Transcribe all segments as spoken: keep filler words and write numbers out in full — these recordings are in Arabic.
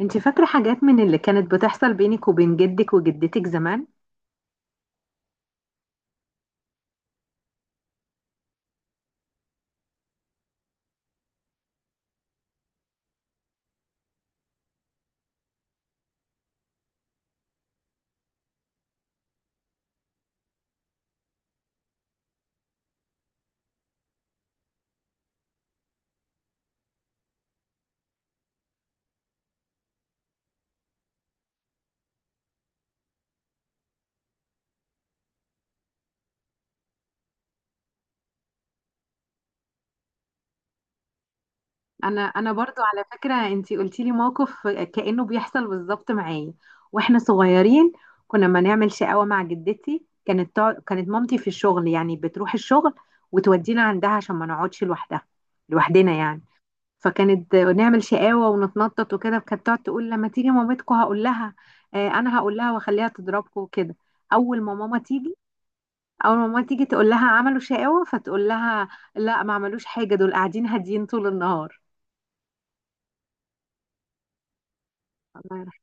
انت فاكرة حاجات من اللي كانت بتحصل بينك وبين جدك وجدتك زمان؟ انا انا برضو على فكرة انت قلتي لي موقف كأنه بيحصل بالظبط معايا واحنا صغيرين. كنا ما نعمل شقاوة مع جدتي، كانت تع- كانت مامتي في الشغل، يعني بتروح الشغل وتودينا عندها عشان ما نقعدش لوحدها، لوحدنا يعني. فكانت نعمل شقاوة ونتنطط وكده، كانت تقعد تقول لما تيجي مامتكم هقول لها، آه، انا هقول لها واخليها تضربكم وكده. اول ما ماما تيجي، اول ما ماما تيجي تقول لها عملوا شقاوة، فتقول لها لا ما عملوش حاجة، دول قاعدين هاديين طول النهار. الله يرحمها.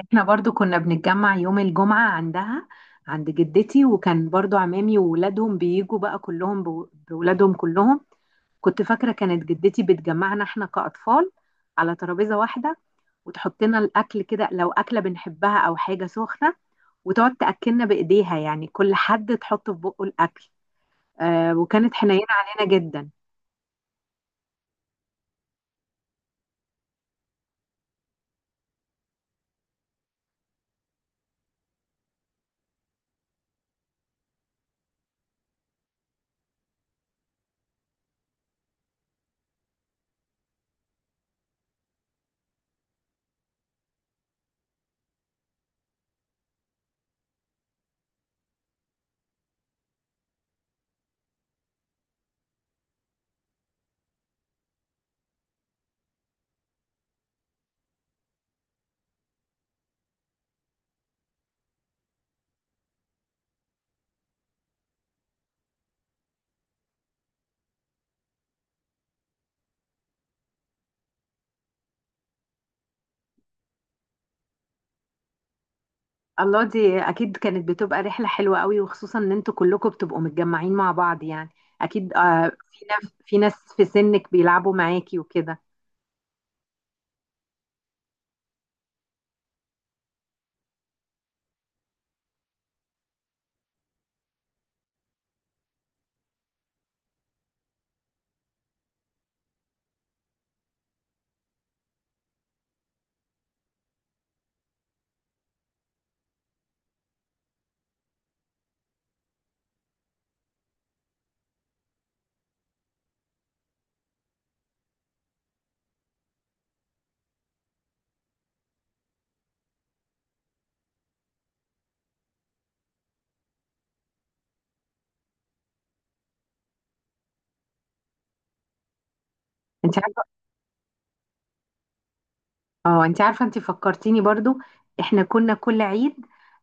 احنا برضو كنا بنتجمع يوم الجمعة عندها، عند جدتي، وكان برضو عمامي وولادهم بيجوا بقى كلهم بو- بولادهم كلهم. كنت فاكرة كانت جدتي بتجمعنا احنا كأطفال على ترابيزة واحدة، وتحط لنا الاكل كده لو اكله بنحبها او حاجه سخنه، وتقعد تاكلنا بايديها، يعني كل حد تحط في بقه الاكل. آه وكانت حنينه علينا جدا. الله، دي اكيد كانت بتبقى رحله حلوه قوي، وخصوصا ان انتوا كلكم بتبقوا متجمعين مع بعض يعني. اكيد آه، في ناس، في ناس في سنك بيلعبوا معاكي وكده. انت عارفه؟ اه انت عارفه، انت فكرتيني برضو. احنا كنا كل عيد،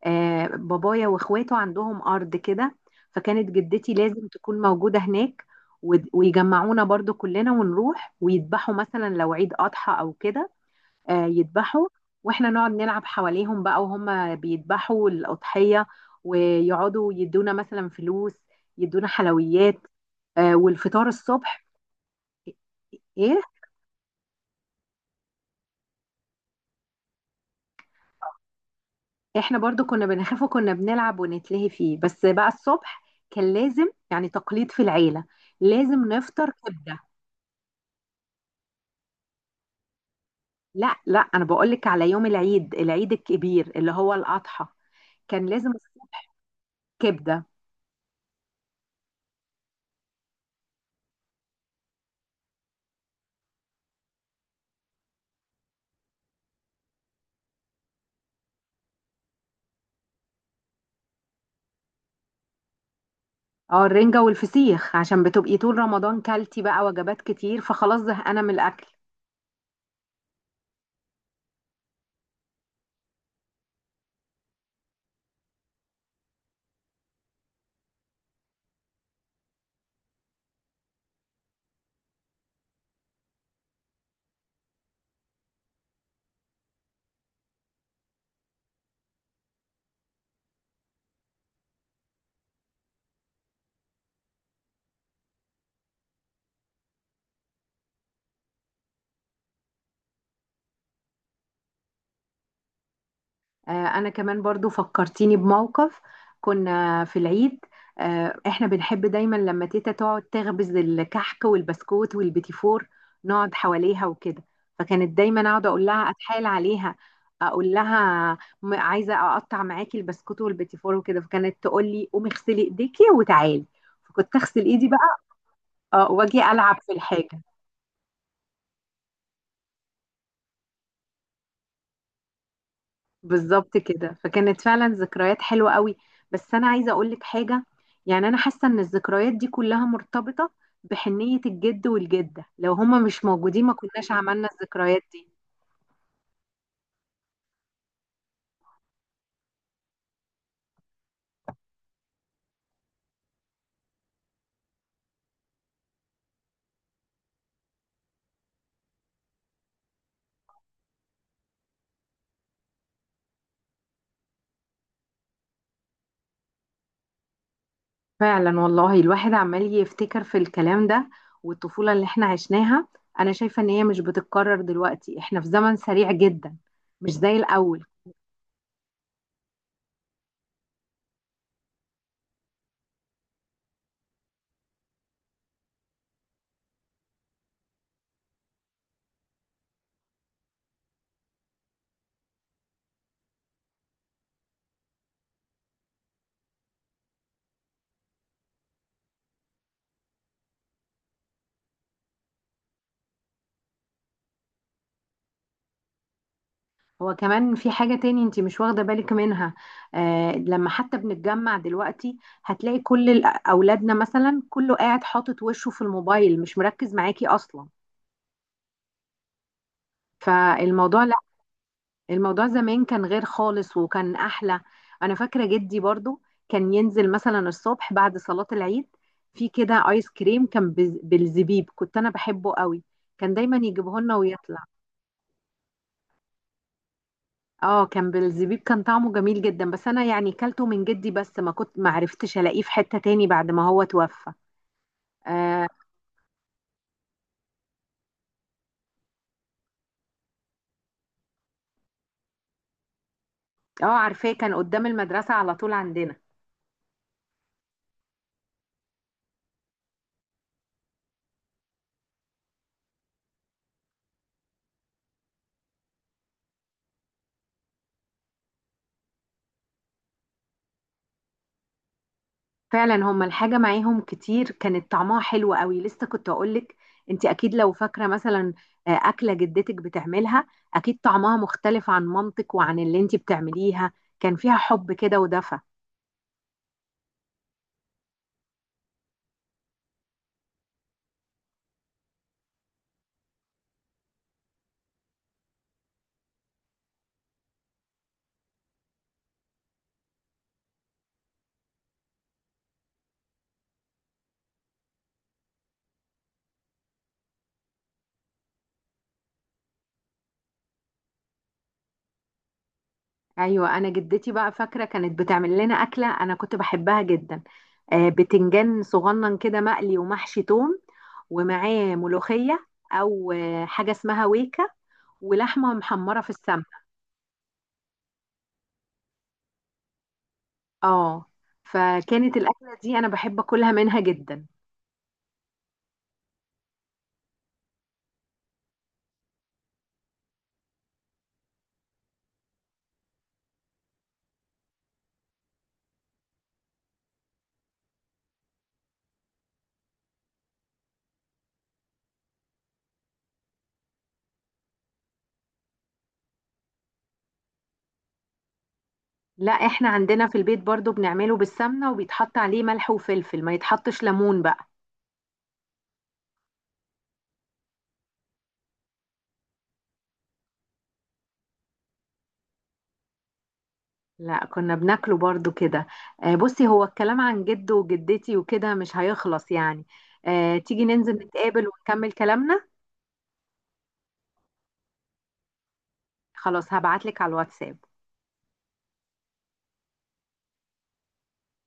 آه بابايا واخواته عندهم ارض كده، فكانت جدتي لازم تكون موجوده هناك. و- ويجمعونا برضو كلنا ونروح ويذبحوا، مثلا لو عيد اضحى او كده، آه، يذبحوا، واحنا نقعد نلعب حواليهم بقى وهم بيذبحوا الأضحية، ويقعدوا يدونا مثلا فلوس، يدونا حلويات، آه، والفطار الصبح. ايه؟ احنا برضو كنا بنخاف، وكنا بنلعب ونتلهي فيه، بس بقى الصبح كان لازم، يعني تقليد في العيلة، لازم نفطر كبدة. لا لا، انا بقولك على يوم العيد، العيد الكبير اللي هو الأضحى، كان لازم الصبح كبدة. اه الرنجة والفسيخ عشان بتبقي طول رمضان كلتي بقى وجبات كتير، فخلاص زهقانة من الأكل. آه أنا كمان برضو فكرتيني بموقف. كنا في العيد، آه احنا بنحب دايما لما تيتا تقعد تخبز الكحك والبسكوت والبيتيفور، نقعد حواليها وكده. فكانت دايما اقعد اقول لها، اتحايل عليها، اقول لها م- عايزه اقطع معاكي البسكوت والبيتيفور وكده، فكانت تقول لي قومي اغسلي ايديكي وتعالي. فكنت اغسل ايدي بقى، اه، واجي العب في الحاجه. بالظبط كده، فكانت فعلا ذكريات حلوة قوي. بس أنا عايزة أقولك حاجة، يعني أنا حاسة إن الذكريات دي كلها مرتبطة بحنية الجد والجدة، لو هما مش موجودين ما كناش عملنا الذكريات دي. فعلا والله، الواحد عمال يفتكر في الكلام ده، والطفولة اللي احنا عشناها. أنا شايفة إن هي مش بتتكرر دلوقتي، احنا في زمن سريع جدا، مش زي الأول. هو كمان في حاجة تاني انت مش واخدة بالك منها، آه، لما حتى بنتجمع دلوقتي هتلاقي كل ال- أولادنا مثلا كله قاعد حاطط وشه في الموبايل، مش مركز معاكي أصلا. فالموضوع لا، الموضوع زمان كان غير خالص وكان أحلى. أنا فاكرة جدي برضو كان ينزل مثلا الصبح بعد صلاة العيد، في كده آيس كريم كان بز- بالزبيب، كنت أنا بحبه قوي، كان دايما يجيبه لنا ويطلع. اه كان بالزبيب، كان طعمه جميل جدا، بس انا يعني كلته من جدي بس، ما كنت، ما عرفتش الاقيه في حتة تاني بعد ما هو توفى، اه. آه، عارفاه، كان قدام المدرسة على طول عندنا. فعلا هما الحاجة معاهم كتير كانت طعمها حلو قوي. لسه كنت اقولك، انت اكيد لو فاكرة مثلا آه، اكلة جدتك بتعملها، اكيد طعمها مختلف عن مامتك وعن اللي انت بتعمليها، كان فيها حب كده ودفى. ايوه، انا جدتي بقى فاكره كانت بتعمل لنا اكله انا كنت بحبها جدا، آه، بتنجان صغنن كده مقلي ومحشي توم، ومعاه ملوخيه، او آه، حاجه اسمها ويكا، ولحمه محمره في السمنه. اه فكانت الاكله دي انا بحب اكلها منها جدا. لا احنا عندنا في البيت برضو بنعمله بالسمنه، وبيتحط عليه ملح وفلفل، ما يتحطش ليمون بقى. لا كنا بناكله برضو كده. آه، بصي، هو الكلام عن جده وجدتي وكده مش هيخلص يعني، آه، تيجي ننزل نتقابل ونكمل كلامنا. خلاص هبعتلك على الواتساب.